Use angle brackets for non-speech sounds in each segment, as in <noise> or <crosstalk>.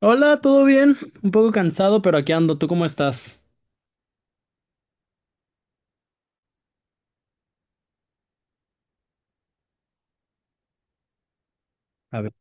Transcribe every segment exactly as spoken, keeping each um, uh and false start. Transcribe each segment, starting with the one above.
Hola, ¿todo bien? Un poco cansado, pero aquí ando. ¿Tú cómo estás? A ver.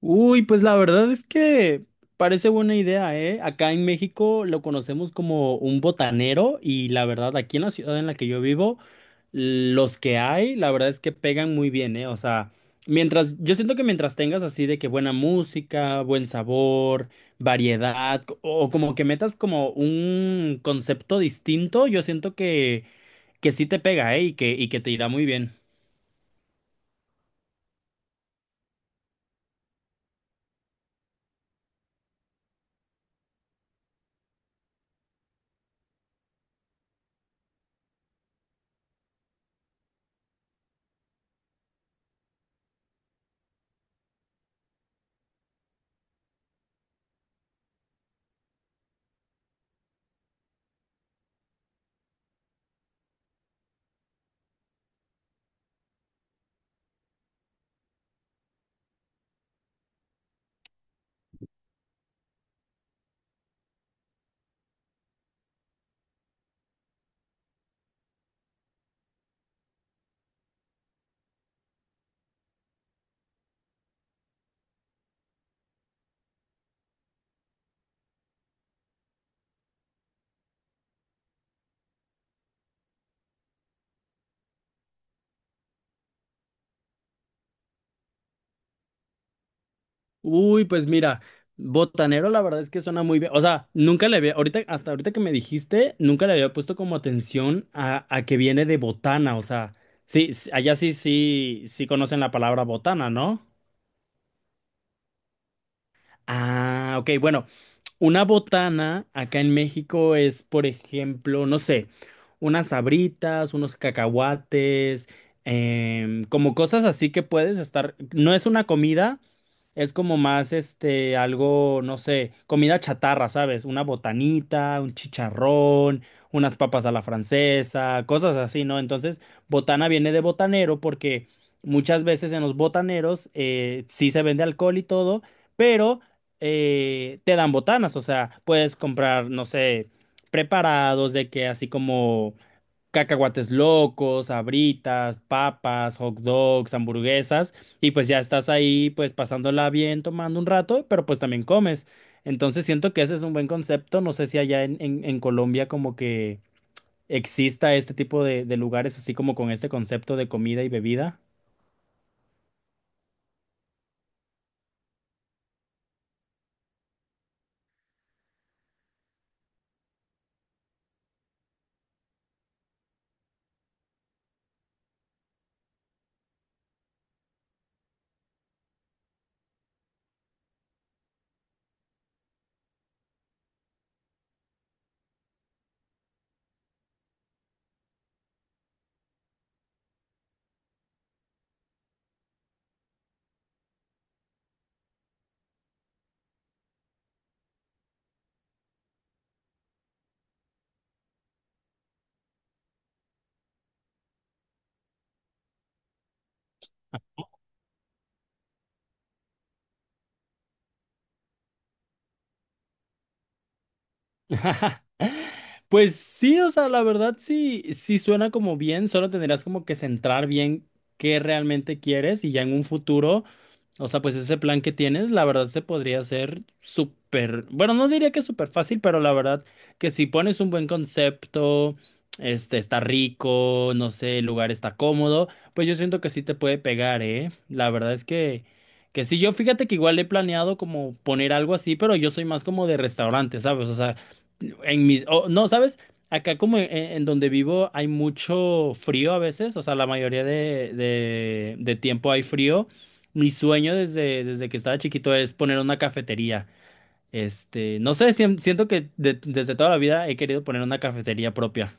Uy, pues la verdad es que parece buena idea, ¿eh? Acá en México lo conocemos como un botanero y la verdad aquí en la ciudad en la que yo vivo, los que hay, la verdad es que pegan muy bien, ¿eh? O sea, mientras, yo siento que mientras tengas así de que buena música, buen sabor, variedad, o como que metas como un concepto distinto, yo siento que, que sí te pega, ¿eh? Y que, y que te irá muy bien. Uy, pues mira, botanero la verdad es que suena muy bien. O sea, nunca le había, ahorita, hasta ahorita que me dijiste, nunca le había puesto como atención a, a que viene de botana. O sea, sí, s- allá sí, sí, sí conocen la palabra botana, ¿no? Ah, ok, bueno, una botana acá en México es, por ejemplo, no sé, unas sabritas, unos cacahuates, em, como cosas así que puedes estar. No es una comida, es como más este, algo, no sé, comida chatarra, ¿sabes? Una botanita, un chicharrón, unas papas a la francesa, cosas así, ¿no? Entonces, botana viene de botanero porque muchas veces en los botaneros eh, sí se vende alcohol y todo, pero eh, te dan botanas, o sea, puedes comprar, no sé, preparados de que así como cacahuates locos, abritas, papas, hot dogs, hamburguesas, y pues ya estás ahí, pues pasándola bien, tomando un rato, pero pues también comes. Entonces siento que ese es un buen concepto, no sé si allá en, en- en Colombia como que exista este tipo de, de lugares así como con este concepto de comida y bebida. <laughs> Pues sí, o sea, la verdad sí, sí suena como bien, solo tendrás como que centrar bien qué realmente quieres y ya en un futuro. O sea, pues ese plan que tienes, la verdad se podría hacer súper, bueno, no diría que súper fácil, pero la verdad que si pones un buen concepto, este está rico, no sé, el lugar está cómodo, pues yo siento que sí te puede pegar, ¿eh? La verdad es que, que sí, yo fíjate que igual he planeado como poner algo así, pero yo soy más como de restaurante, ¿sabes? O sea, en mis, o no, ¿sabes? Acá como en, en donde vivo hay mucho frío a veces, o sea, la mayoría de, de de tiempo hay frío. Mi sueño desde, desde que estaba chiquito es poner una cafetería. Este, no sé, sien- siento que de- desde toda la vida he querido poner una cafetería propia.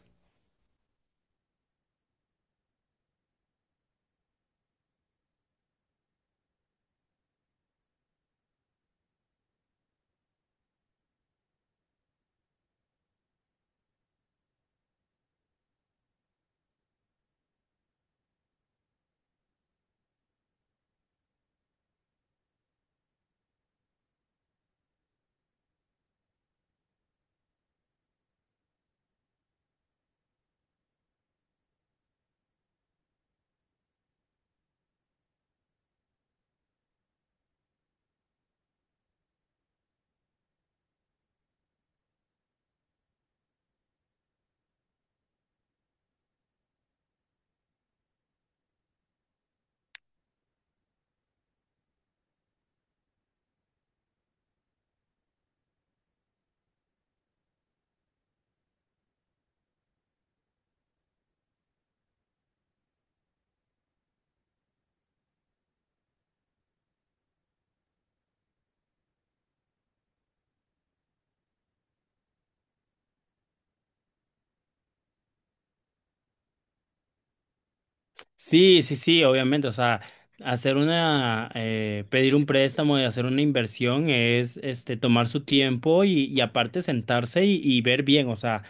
Sí, sí, sí, obviamente. O sea, hacer una, eh, pedir un préstamo y hacer una inversión es, este, tomar su tiempo y, y aparte sentarse y, y ver bien. O sea,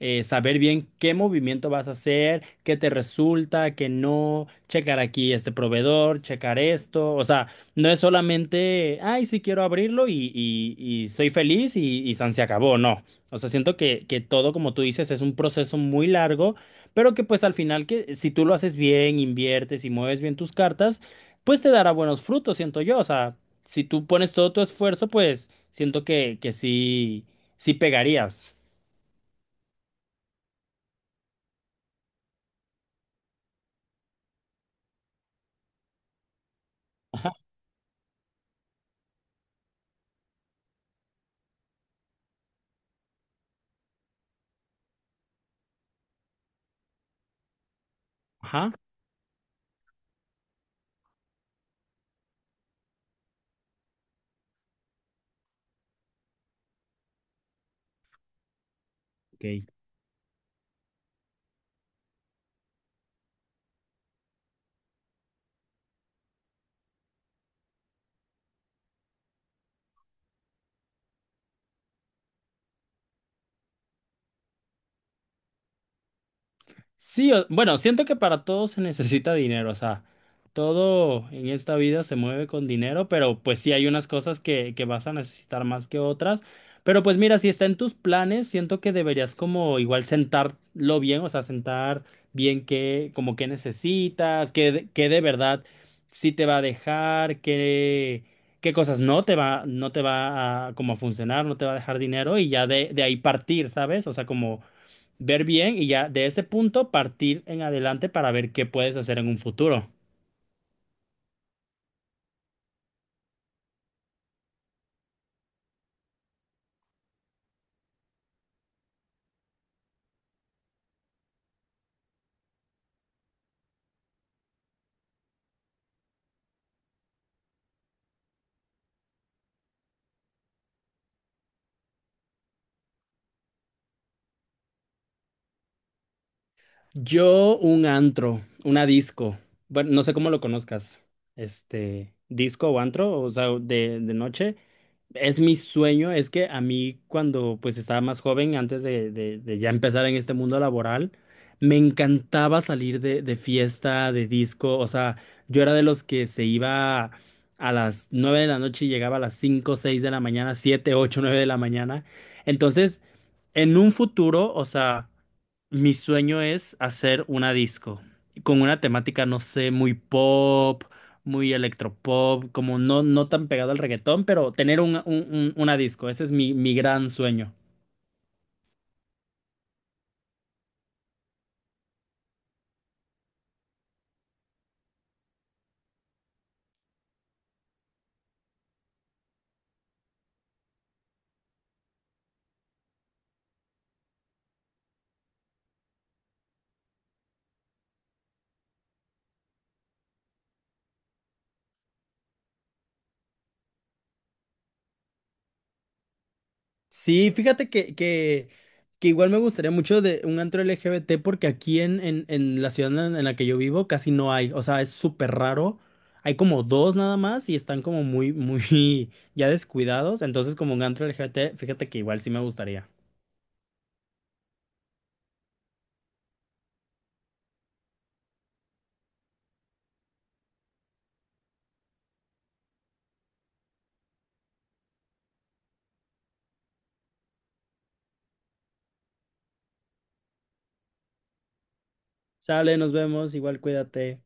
eh, saber bien qué movimiento vas a hacer, qué te resulta, qué no, checar aquí este proveedor, checar esto, o sea, no es solamente, ay, sí quiero abrirlo y, y- y soy feliz y, y san se acabó, no. O sea, siento que, que todo, como tú dices, es un proceso muy largo, pero que pues al final que si tú lo haces bien, inviertes y mueves bien tus cartas, pues te dará buenos frutos, siento yo. O sea, si tú pones todo tu esfuerzo, pues siento que, que sí, sí pegarías. Ajá. Ok. Sí, o bueno, siento que para todo se necesita dinero, o sea, todo en esta vida se mueve con dinero, pero pues sí hay unas cosas que, que vas a necesitar más que otras. Pero pues mira, si está en tus planes, siento que deberías como igual sentarlo bien, o sea, sentar bien qué, como qué necesitas, qué, de- qué de verdad sí te va a dejar, qué, qué cosas no te va, no te va a como a funcionar, no te va a dejar dinero y ya de, de ahí partir, ¿sabes? O sea, como ver bien y ya de ese punto partir en adelante para ver qué puedes hacer en un futuro. Yo un antro, una disco. Bueno, no sé cómo lo conozcas. Este, disco o antro, o sea, de, de noche. Es mi sueño, es que a mí cuando pues estaba más joven, antes de, de- de ya empezar en este mundo laboral, me encantaba salir de, de fiesta, de disco, o sea, yo era de los que se iba a las nueve de la noche y llegaba a las cinco seis de la mañana, siete ocho nueve de la mañana. Entonces, en un futuro, o sea… Mi sueño es hacer una disco con una temática, no sé, muy pop, muy electropop, como no, no tan pegado al reggaetón, pero tener un, un- un- una disco, ese es mi, mi gran sueño. Sí, fíjate que, que, que igual me gustaría mucho de un antro L G B T porque aquí en, en, en la ciudad en en la que yo vivo casi no hay, o sea, es súper raro. Hay como dos nada más y están como muy, muy <laughs> ya descuidados. Entonces, como un antro L G B T, fíjate que igual sí me gustaría. Sale, nos vemos, igual cuídate.